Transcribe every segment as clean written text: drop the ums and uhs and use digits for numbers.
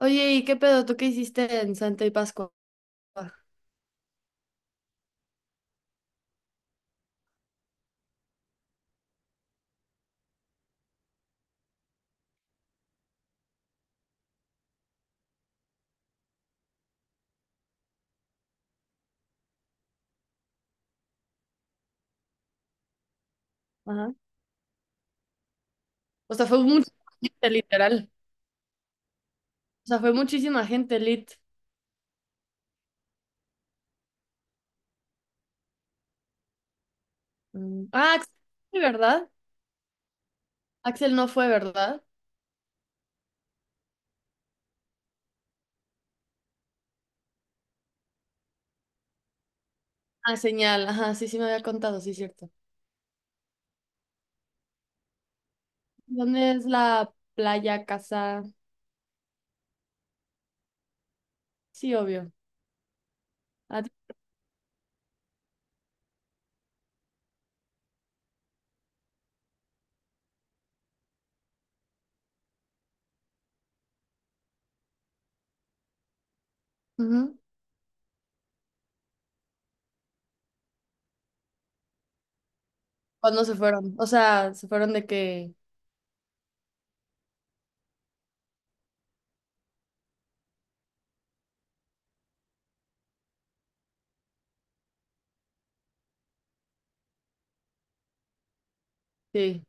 Oye, ¿y qué pedo? ¿Tú qué hiciste en Santa y Pascua? Ajá. O sea, fue mucha gente, literal. O sea, fue muchísima gente, lit. Ah, Axel, fue, ¿verdad? Axel no fue, ¿verdad? Ah, señal. Ajá, sí, me había contado, sí, cierto. ¿Dónde es la playa, casa? Sí, obvio. ¿A ti? Ujú. ¿Cuándo se fueron? O sea, se fueron de que... Sí.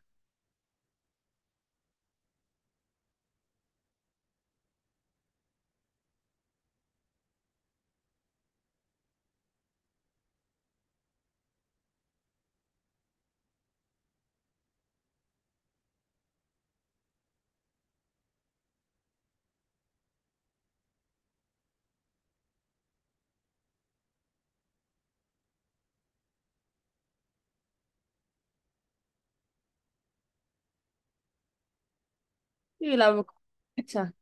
Sí, la fecha.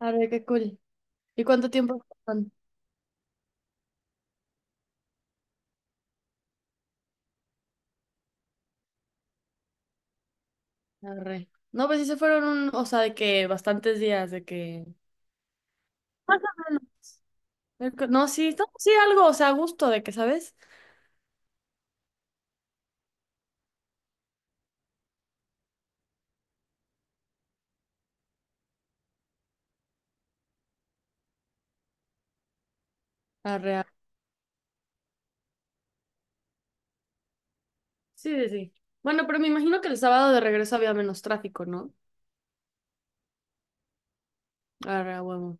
Arre, qué cool. ¿Y cuánto tiempo fueron? Arre. No, pues sí se fueron un... O sea, de que bastantes días, de que... Más o menos. No, sí, no, sí, algo, o sea, a gusto de que, ¿sabes? Arre, a- Sí, sí, sí. Bueno, pero me imagino que el sábado de regreso había menos tráfico, ¿no? Arre, a huevo.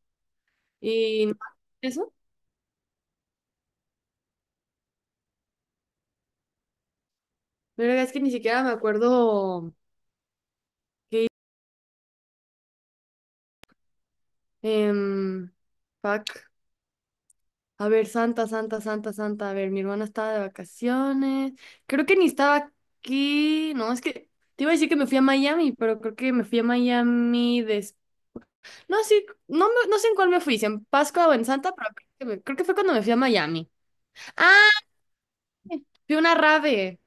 Y no, eso, pero es que ni siquiera me acuerdo. em, Fuck. A ver, Santa, Santa, Santa, Santa. A ver, mi hermana estaba de vacaciones. Creo que ni estaba aquí. No, es que te iba a decir que me fui a Miami, pero creo que me fui a Miami. No, sí, no, no sé en cuál me fui, si en Pascua o en Santa, pero creo que, creo que fue cuando me fui a Miami. Ah, fui a una rave,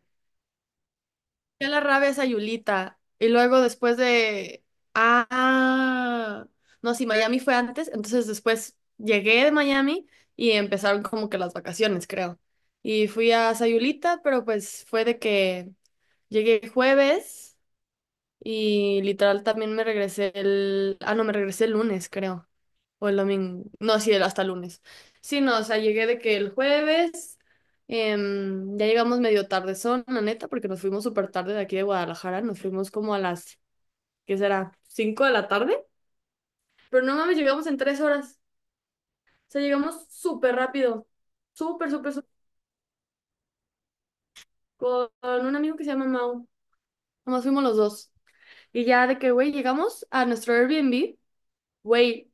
fui a la rave a Sayulita. Y luego después de... Ah, no, sí, Miami fue antes, entonces después llegué de Miami y empezaron como que las vacaciones, creo. Y fui a Sayulita, pero pues fue de que llegué jueves y literal también me regresé el... Ah, no, me regresé el lunes, creo. O el domingo. No, sí, el- hasta el lunes. Sí, no, o sea, llegué de que el jueves. Ya llegamos medio tardezón, la neta, porque nos fuimos súper tarde de aquí de Guadalajara. Nos fuimos como a las, ¿qué será? ¿Cinco de la tarde? Pero no mames, llegamos en 3 horas. O sea, llegamos súper rápido. Súper, súper, súper. Con un amigo que se llama Mau. Nomás fuimos los dos. Y ya de que, güey, llegamos a nuestro Airbnb. Güey,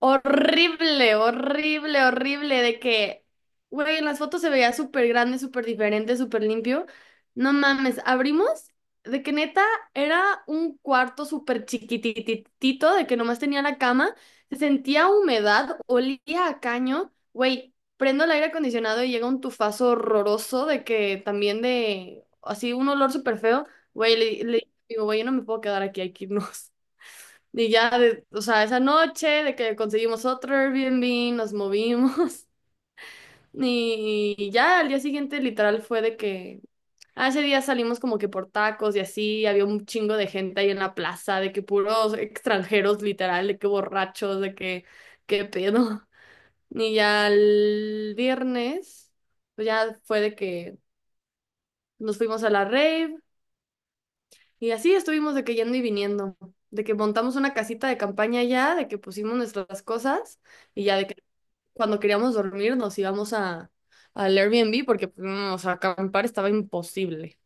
horrible, horrible, horrible, de que, güey, en las fotos se veía súper grande, súper diferente, súper limpio. No mames, abrimos, de que neta era un cuarto súper chiquititito, de que nomás tenía la cama, se sentía humedad, olía a caño, güey, prendo el aire acondicionado y llega un tufazo horroroso, de que también de, así, un olor súper feo, güey, le digo, güey, yo no me puedo quedar aquí, hay que irnos. Y ya, de- o sea, esa noche de que conseguimos otro Airbnb, nos movimos y ya al día siguiente literal fue de que, ah, ese día salimos como que por tacos y así, había un chingo de gente ahí en la plaza, de que puros extranjeros literal, de que borrachos, de que, qué pedo. Y ya el viernes, pues ya fue de que nos fuimos a la rave. Y así estuvimos de que yendo y viniendo, de que montamos una casita de campaña ya, de que pusimos nuestras cosas y ya de que cuando queríamos dormir nos íbamos a al Airbnb porque pues, no, o sea, acampar estaba imposible.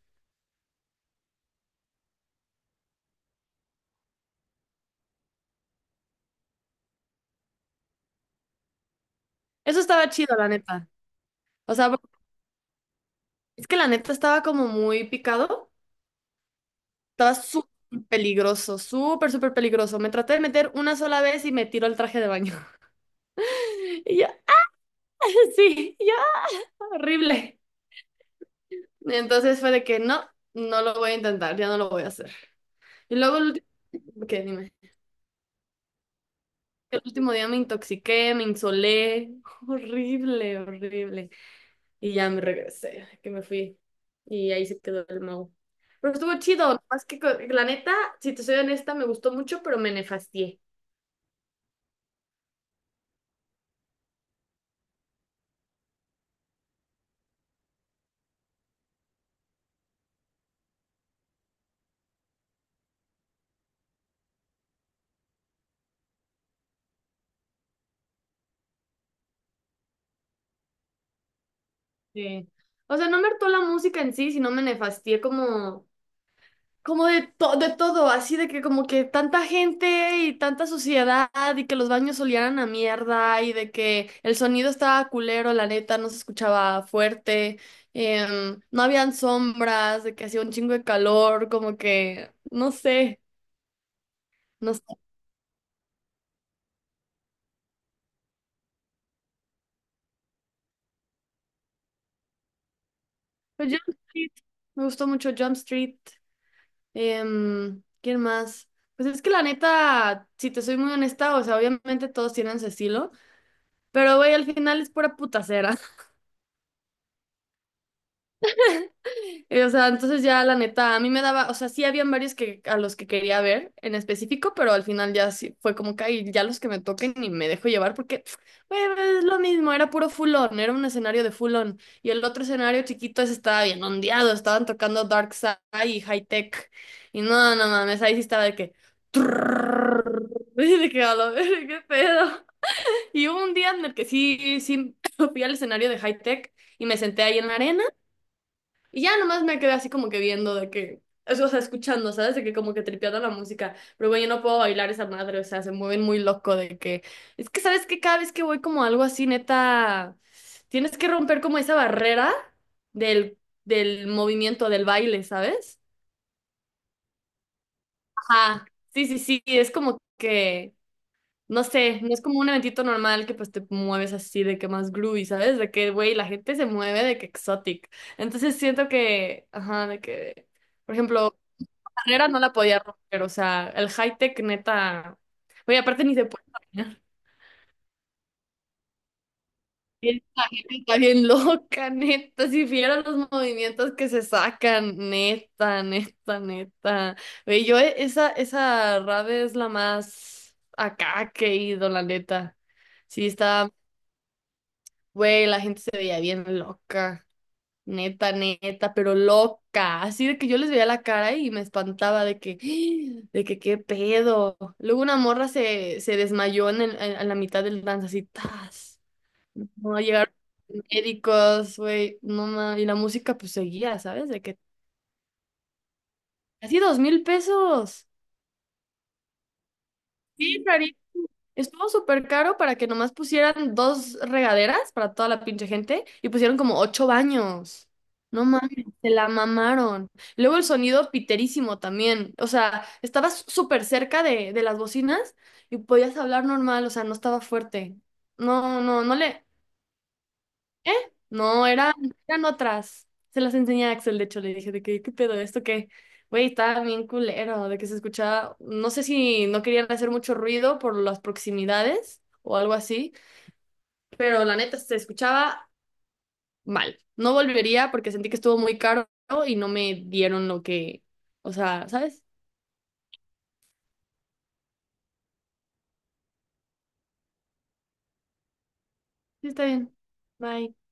Eso estaba chido, la neta. O sea, porque es que la neta estaba como muy picado, estaba súper peligroso, súper, súper peligroso. Me traté de meter una sola vez y me tiró el traje de baño. Y ya, sí, ya, horrible. Entonces fue de que no, no lo voy a intentar, ya no lo voy a hacer. Y luego el... Ok, dime. El último día me intoxiqué, me insolé, horrible, horrible. Y ya me regresé, que me fui. Y ahí se quedó el mago. Pero estuvo chido, más que la neta, si te soy honesta, me gustó mucho, pero me nefastié. Sí. O sea, no me hartó la música en sí, sino me nefastié como de, de todo, así de que como que tanta gente y tanta suciedad y que los baños olían a mierda y de que el sonido estaba culero, la neta, no se escuchaba fuerte, no habían sombras, de que hacía un chingo de calor, como que, no sé, no sé. Pero Jump Street, me gustó mucho Jump Street, ¿quién más? Pues es que la neta, si te soy muy honesta, o sea, obviamente todos tienen su estilo, pero güey, al final es pura putacera. O sea, entonces ya la neta, a mí me daba, o sea, sí habían varios que a los que quería ver en específico, pero al final ya sí fue como que "Ay, ya los que me toquen y me dejo llevar", porque güey, es lo mismo, era puro fulón, era un escenario de fulón y el otro escenario chiquito ese estaba bien ondeado, estaban tocando Dark Side y High Tech y no, no mames, ahí sí estaba de que y de que a la verga, qué pedo. Y hubo un día en el que sí fui al escenario de High Tech y me senté ahí en la arena. Y ya nomás me quedé así como que viendo de que, eso, o sea, escuchando, ¿sabes? De que como que tripeando la música, pero güey, yo no puedo bailar esa madre, o sea, se mueven muy loco de que, es que, ¿sabes que cada vez que voy como a algo así, neta, tienes que romper como esa barrera del, del movimiento, del baile, ¿sabes? Ajá, sí, sí, sí, es como que, no sé, no es como un eventito normal que pues te mueves así de que más groovy, ¿sabes? De que, güey, la gente se mueve de que exotic. Entonces siento que, ajá, de que... Por ejemplo, manera no la podía romper, o sea, el high tech neta. Oye, aparte ni se puede caminar. Y esta gente está bien loca, neta. Si vieras los movimientos que se sacan, neta, neta, neta. Ve yo esa, esa rave es la más acá que he ido, la neta. Sí, está, güey, la gente se veía bien loca. Neta, neta, pero loca. Así de que yo les veía la cara y me espantaba de que, de que qué pedo. Luego una morra se desmayó en, a la mitad del dance, así, tas. No llegaron médicos, güey, no ma- Y la música pues seguía, ¿sabes? De que, así $2,000. Sí, estuvo súper caro para que nomás pusieran 2 regaderas para toda la pinche gente y pusieron como 8 baños. No mames, se la mamaron. Luego el sonido piterísimo también. O sea, estabas súper cerca de las bocinas y podías hablar normal, o sea, no estaba fuerte. No, no, no le. No, eran, eran otras. Se las enseñé a Axel, de hecho, le dije de que, ¿qué pedo? ¿Esto qué? Güey, estaba bien culero, de que se escuchaba, no sé si no querían hacer mucho ruido por las proximidades o algo así, pero la neta se escuchaba mal. No volvería porque sentí que estuvo muy caro y no me dieron lo que, o sea, ¿sabes? Sí, está bien. Bye.